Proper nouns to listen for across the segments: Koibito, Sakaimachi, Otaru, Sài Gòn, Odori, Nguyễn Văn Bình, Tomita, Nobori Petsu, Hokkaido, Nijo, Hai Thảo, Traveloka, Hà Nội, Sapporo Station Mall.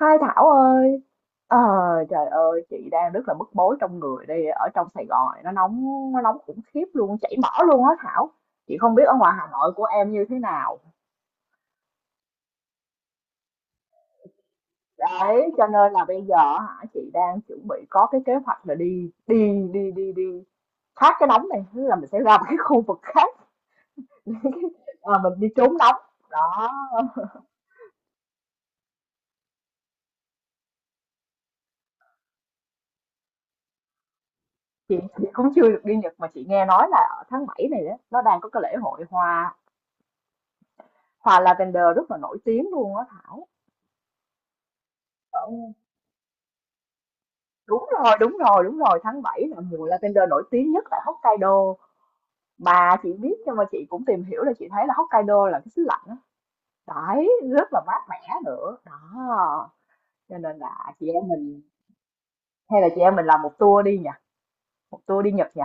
Hai Thảo ơi, ờ, trời ơi, chị đang rất là bức bối trong người đây. Ở trong Sài Gòn này nó nóng khủng khiếp luôn, chảy mỡ luôn á Thảo. Chị không biết ở ngoài Hà Nội của em như thế nào. Đấy, cho nên là bây giờ hả, chị đang chuẩn bị có cái kế hoạch là đi, đi đi đi đi thoát cái nóng này, tức là mình sẽ ra một cái khu vực khác. À, mình đi trốn nóng đó. Chị cũng chưa được đi Nhật, mà chị nghe nói là ở tháng 7 này đó, nó đang có cái lễ hội hoa, lavender rất là nổi tiếng luôn á Thảo. Ờ. Đúng rồi, đúng rồi, đúng rồi, tháng 7 là mùa lavender nổi tiếng nhất tại Hokkaido. Bà chị biết, nhưng mà chị cũng tìm hiểu là chị thấy là Hokkaido là cái xứ lạnh á. Đấy, rất là mát mẻ nữa. Đó. Cho nên là chị em mình hay là chị em mình làm một tour đi nhỉ, một tour đi Nhật nhỉ.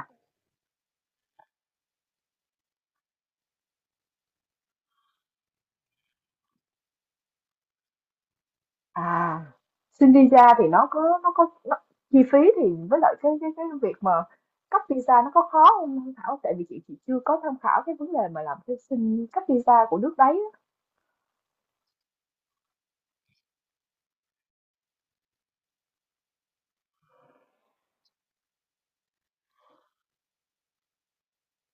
À, xin visa thì chi phí thì, với lại cái việc mà cấp visa nó có khó không Hương Thảo? Tại vì chị chưa có tham khảo cái vấn đề mà làm cái xin cấp visa của nước đấy á.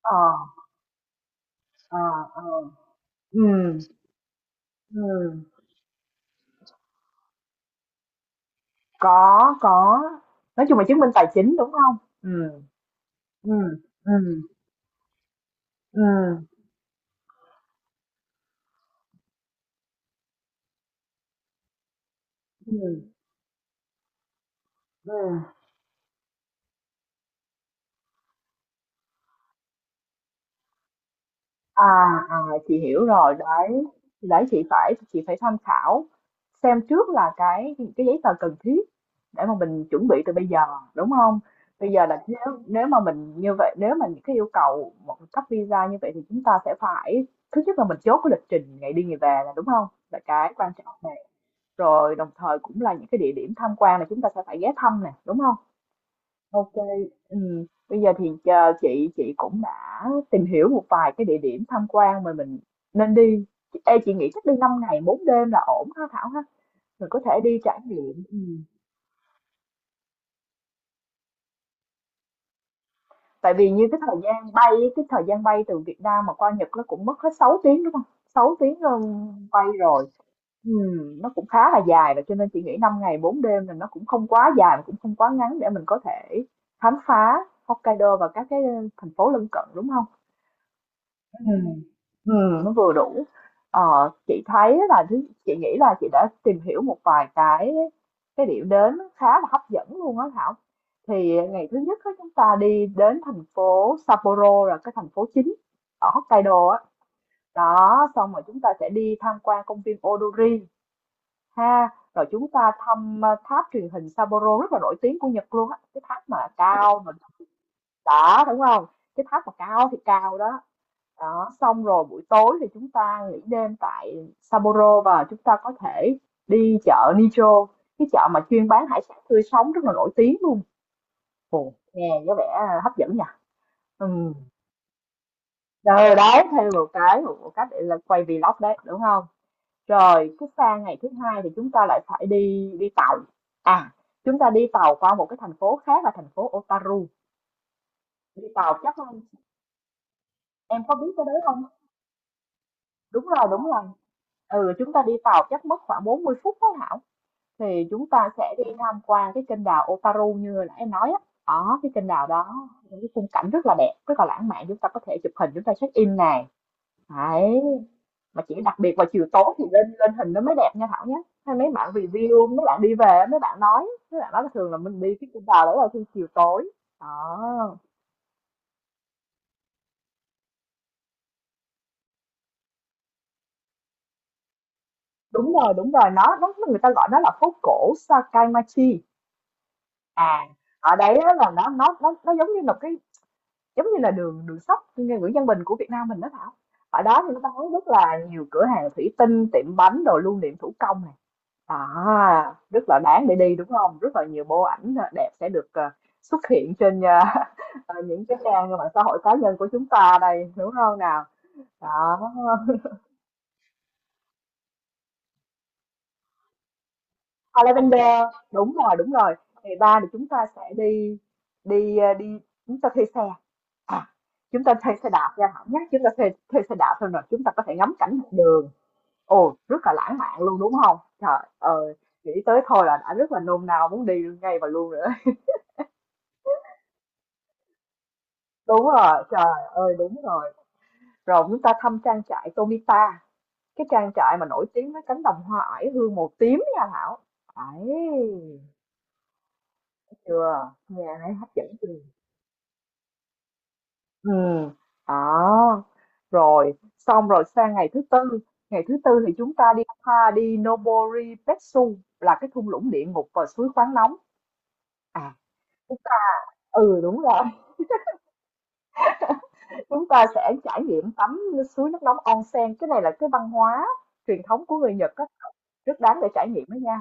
Ờ, ờ, ờ. Ừ. Ừ, có, nói chung là chứng minh tài chính, đúng không. Ừ, ừ, ừ, ừ, ừm, ừm. À, à, chị hiểu rồi, đấy, thì đấy chị phải tham khảo xem trước là cái giấy tờ cần thiết để mà mình chuẩn bị từ bây giờ, đúng không. Bây giờ là nếu nếu mà mình như vậy, nếu mà những cái yêu cầu một cấp visa như vậy thì chúng ta sẽ phải, thứ nhất là mình chốt cái lịch trình ngày đi ngày về, là đúng không. Là cái quan trọng nè. Rồi đồng thời cũng là những cái địa điểm tham quan là chúng ta sẽ phải ghé thăm nè, đúng không? OK, bây giờ thì chờ chị, cũng đã tìm hiểu một vài cái địa điểm tham quan mà mình nên đi. Ê, chị nghĩ chắc đi 5 ngày 4 đêm là ổn ha Thảo ha? Mình có thể đi trải nghiệm. Tại vì như cái thời gian bay từ Việt Nam mà qua Nhật nó cũng mất hết 6 tiếng, đúng không? Sáu tiếng, ơ, bay rồi. Nó cũng khá là dài rồi cho nên chị nghĩ 5 ngày 4 đêm là nó cũng không quá dài mà cũng không quá ngắn để mình có thể khám phá Hokkaido và các cái thành phố lân cận, đúng không? Ừ. Ừ, nó vừa đủ. Ờ, chị thấy là chị nghĩ là chị đã tìm hiểu một vài cái điểm đến khá là hấp dẫn luôn á Thảo. Thì ngày thứ nhất á, chúng ta đi đến thành phố Sapporo, là cái thành phố chính ở Hokkaido á. Đó, xong rồi chúng ta sẽ đi tham quan công viên Odori ha, rồi chúng ta thăm tháp truyền hình Sapporo, rất là nổi tiếng của Nhật luôn á, cái tháp mà cao mà, đó, đúng không, cái tháp mà cao thì cao đó. Đó, xong rồi buổi tối thì chúng ta nghỉ đêm tại Sapporo và chúng ta có thể đi chợ Nijo, cái chợ mà chuyên bán hải sản tươi sống rất là nổi tiếng luôn. Ồ, nghe có vẻ hấp dẫn nhỉ. Ừ. Rồi đấy, thêm một cái, để là quay vlog đấy, đúng không. Rồi, cái sang ngày thứ hai thì chúng ta lại phải đi đi tàu. À, chúng ta đi tàu qua một cái thành phố khác là thành phố Otaru. Đi tàu chắc, em có biết cái đấy không? Đúng rồi, đúng rồi. Ừ, chúng ta đi tàu chắc mất khoảng 40 phút đó Thảo. Thì chúng ta sẽ đi tham quan cái kênh đào Otaru như là em nói á. Ở cái kênh đào đó, những cái khung cảnh rất là đẹp, rất là lãng mạn. Chúng ta có thể chụp hình, chúng ta check in này. Đấy, mà chỉ đặc biệt vào chiều tối thì lên lên hình nó mới đẹp nha Thảo nhé. Hay mấy bạn review, mấy bạn đi về mấy bạn nói, là thường là mình đi cái cung đào đấy là khi chiều tối. À, đúng rồi, đúng rồi, nó người ta gọi nó là phố cổ Sakaimachi. À, ở đấy á là nó giống như là cái, giống như là đường đường sách như Nguyễn Văn Bình của Việt Nam mình đó Thảo. Ở đó thì nó bán rất là nhiều cửa hàng thủy tinh, tiệm bánh, đồ lưu niệm thủ công nè. À, rất là đáng để đi đúng không? Rất là nhiều bộ ảnh đẹp sẽ được, xuất hiện trên, những cái trang mạng xã hội cá nhân của chúng ta đây, đúng không nào? Đó. À, Lavender, đúng rồi, đúng rồi. Ngày ba thì chúng ta sẽ đi, đi ờ, đi chúng ta thuê xe. À, chúng ta thuê xe đạp nha Thảo nhé. Chúng ta thuê thuê xe đạp thôi, rồi chúng ta có thể ngắm cảnh dọc đường. Ồ, rất là lãng mạn luôn đúng không? Trời ơi, nghĩ tới thôi là đã rất là nôn nao muốn đi ngay và luôn rồi. Đúng rồi, trời ơi đúng rồi. Rồi chúng ta thăm trang trại Tomita, cái trang trại mà nổi tiếng với cánh đồng hoa oải hương màu tím nha Thảo ấy, chưa, nghe này hấp dẫn chưa? Ừ. Đó. Rồi xong rồi sang ngày thứ tư, ngày thứ tư thì chúng ta đi đi Nobori Petsu, là cái thung lũng địa ngục và suối khoáng nóng. À, chúng ta, ừ đúng rồi, chúng ta sẽ trải nghiệm tắm suối nước nóng onsen, cái này là cái văn hóa truyền thống của người Nhật á, rất đáng để trải nghiệm đó nha.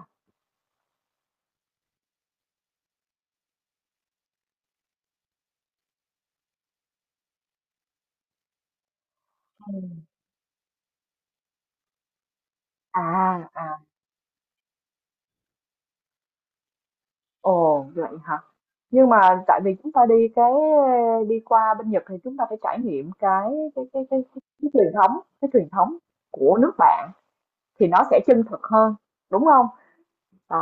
Ừ. À, à, ồ, vậy hả? Nhưng mà tại vì chúng ta đi qua bên Nhật thì chúng ta phải trải nghiệm cái truyền thống của nước bạn thì nó sẽ chân thực hơn, đúng không? À.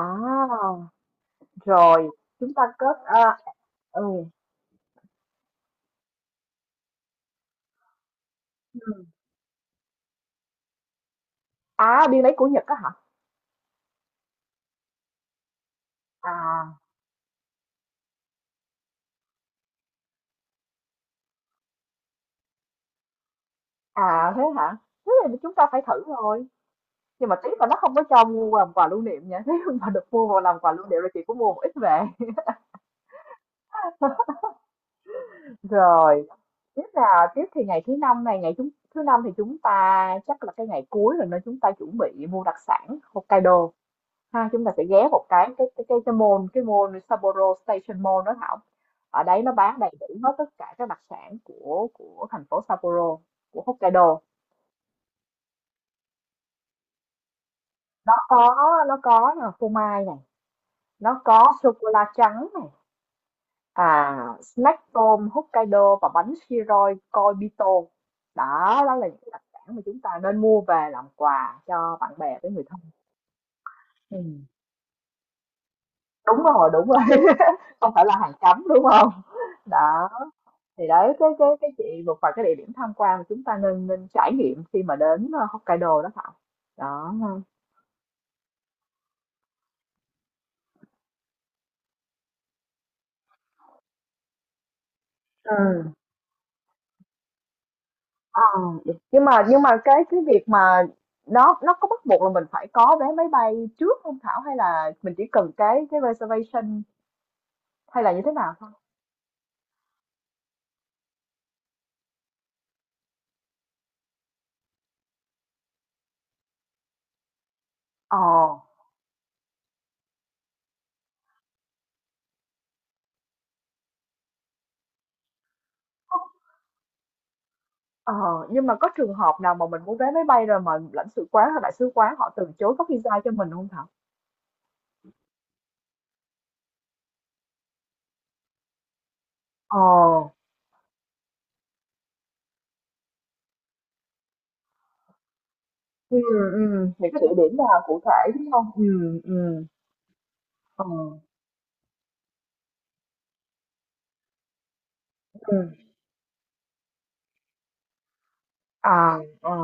Rồi, chúng ta kết à, ừ. Ừ. À, đi lấy của Nhật á hả? À, à thế hả? Thế thì chúng ta phải thử rồi. Nhưng mà tiếc là nó không có cho mua làm quà lưu niệm nha. Nếu mà được mua vào làm quà lưu niệm là chị cũng mua một ít về. Rồi, tiếp là tiếp thì ngày thứ năm này, ngày chúng thứ năm thì chúng ta chắc là cái ngày cuối rồi, nên chúng ta chuẩn bị mua đặc sản Hokkaido ha, chúng ta sẽ ghé một cái mall Sapporo Station Mall đó Thảo. Ở đấy nó bán đầy đủ hết tất cả các đặc sản của thành phố Sapporo, của Hokkaido. Nó có, là phô mai này, nó có sô cô la trắng, à snack tôm Hokkaido và bánh siroi Koibito, đó đó là những cái đặc sản mà chúng ta nên mua về làm quà cho bạn bè với người thân. Ừ. Đúng rồi, đúng rồi. Không phải là hàng cấm đúng không. Đó, thì đấy cái chị một vài cái địa điểm tham quan mà chúng ta nên nên trải nghiệm khi mà đến, Hokkaido đó Thảo, đó ha. Ừ. Ờ, được. Nhưng mà cái việc mà nó có bắt buộc là mình phải có vé máy bay trước không Thảo, hay là mình chỉ cần cái reservation, hay là như thế nào thôi? Ờ. Có. Ờ, nhưng mà có trường hợp nào mà mình mua vé máy bay rồi mà lãnh sự quán hay đại sứ quán họ từ chối cấp visa cho mình không Thảo? Ờ. Ừ, ừ, những cái địa điểm nào cụ thể đúng không? Ừ, ừ, ờ, ừ. À, ờ.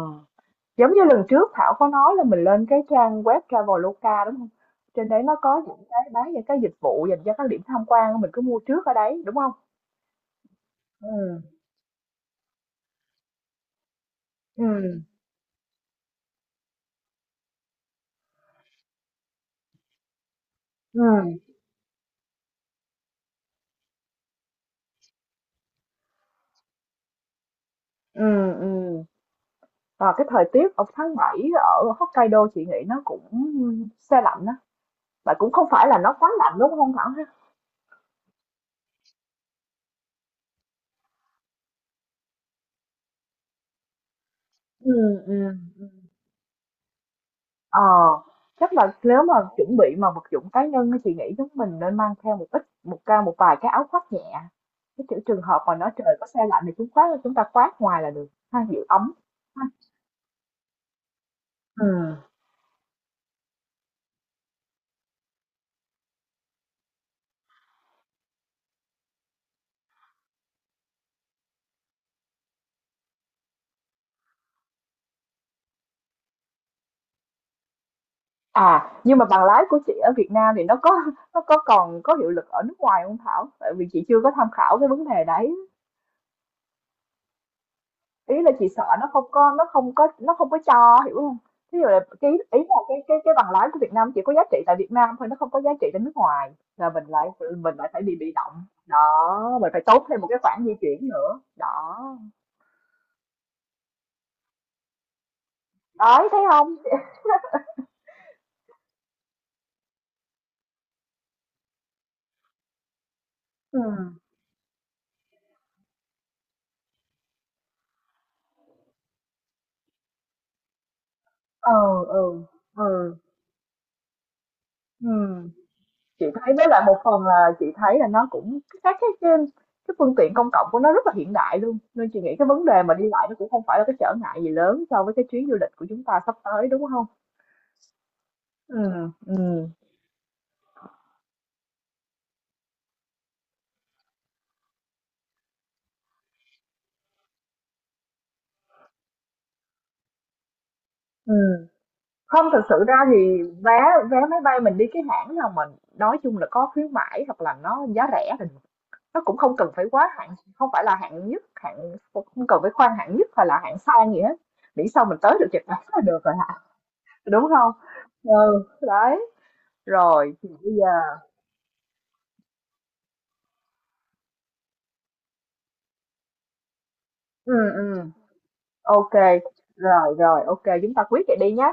Giống như lần trước Thảo có nói là mình lên cái trang web Traveloka, đúng không. Trên đấy nó có những cái bán những cái dịch vụ dành cho các điểm tham quan, mình cứ mua trước ở đấy, đúng không. Ừ, ừ, ừ, ừ, ừm. Và cái thời tiết ở tháng 7 ở Hokkaido chị nghĩ nó cũng se lạnh đó, mà cũng không phải là nó quá lạnh, đúng không Thảo ha? Ừ. Ừm. Ờ, chắc là nếu mà chuẩn bị mà vật dụng cá nhân thì chị nghĩ chúng mình nên mang theo một ít, một vài cái áo khoác nhẹ, cái kiểu trường hợp mà nó trời có xe lạnh thì chúng ta khoác ngoài là được ha, giữ ấm ha. Ừ. À, nhưng mà bằng lái của chị ở Việt Nam thì nó có nó có còn có hiệu lực ở nước ngoài không Thảo, tại vì chị chưa có tham khảo cái vấn đề đấy. Ý là chị sợ nó không có cho, hiểu không. Ví dụ là cái ý là cái bằng lái của Việt Nam chỉ có giá trị tại Việt Nam thôi, nó không có giá trị tại nước ngoài, là mình lại phải bị động đó, mình phải tốn thêm một cái khoản di chuyển nữa đó, đấy thấy không. Ừ, ừ, ừ, ừ, ừ. Chị thấy với lại một phần là chị thấy là nó cũng các cái phương tiện công cộng của nó rất là hiện đại luôn, nên chị nghĩ cái vấn đề mà đi lại nó cũng không phải là cái trở ngại gì lớn so với cái chuyến du lịch của chúng ta sắp tới, đúng không. Ừ, ừ, ừ. Không, thật sự ra thì vé vé máy bay mình đi cái hãng nào mình nói chung là có khuyến mãi, hoặc là nó giá rẻ thì nó cũng không cần phải quá hạng, không phải là hạng nhất, không cần phải khoan hạng nhất hay là hạng sang gì hết, miễn sao mình tới được Nhật Bản là được rồi hả, đúng không. Ừ đấy, rồi thì bây giờ. Ừ. Ừ, ok, rồi rồi ok chúng ta quyết vậy đi nhá.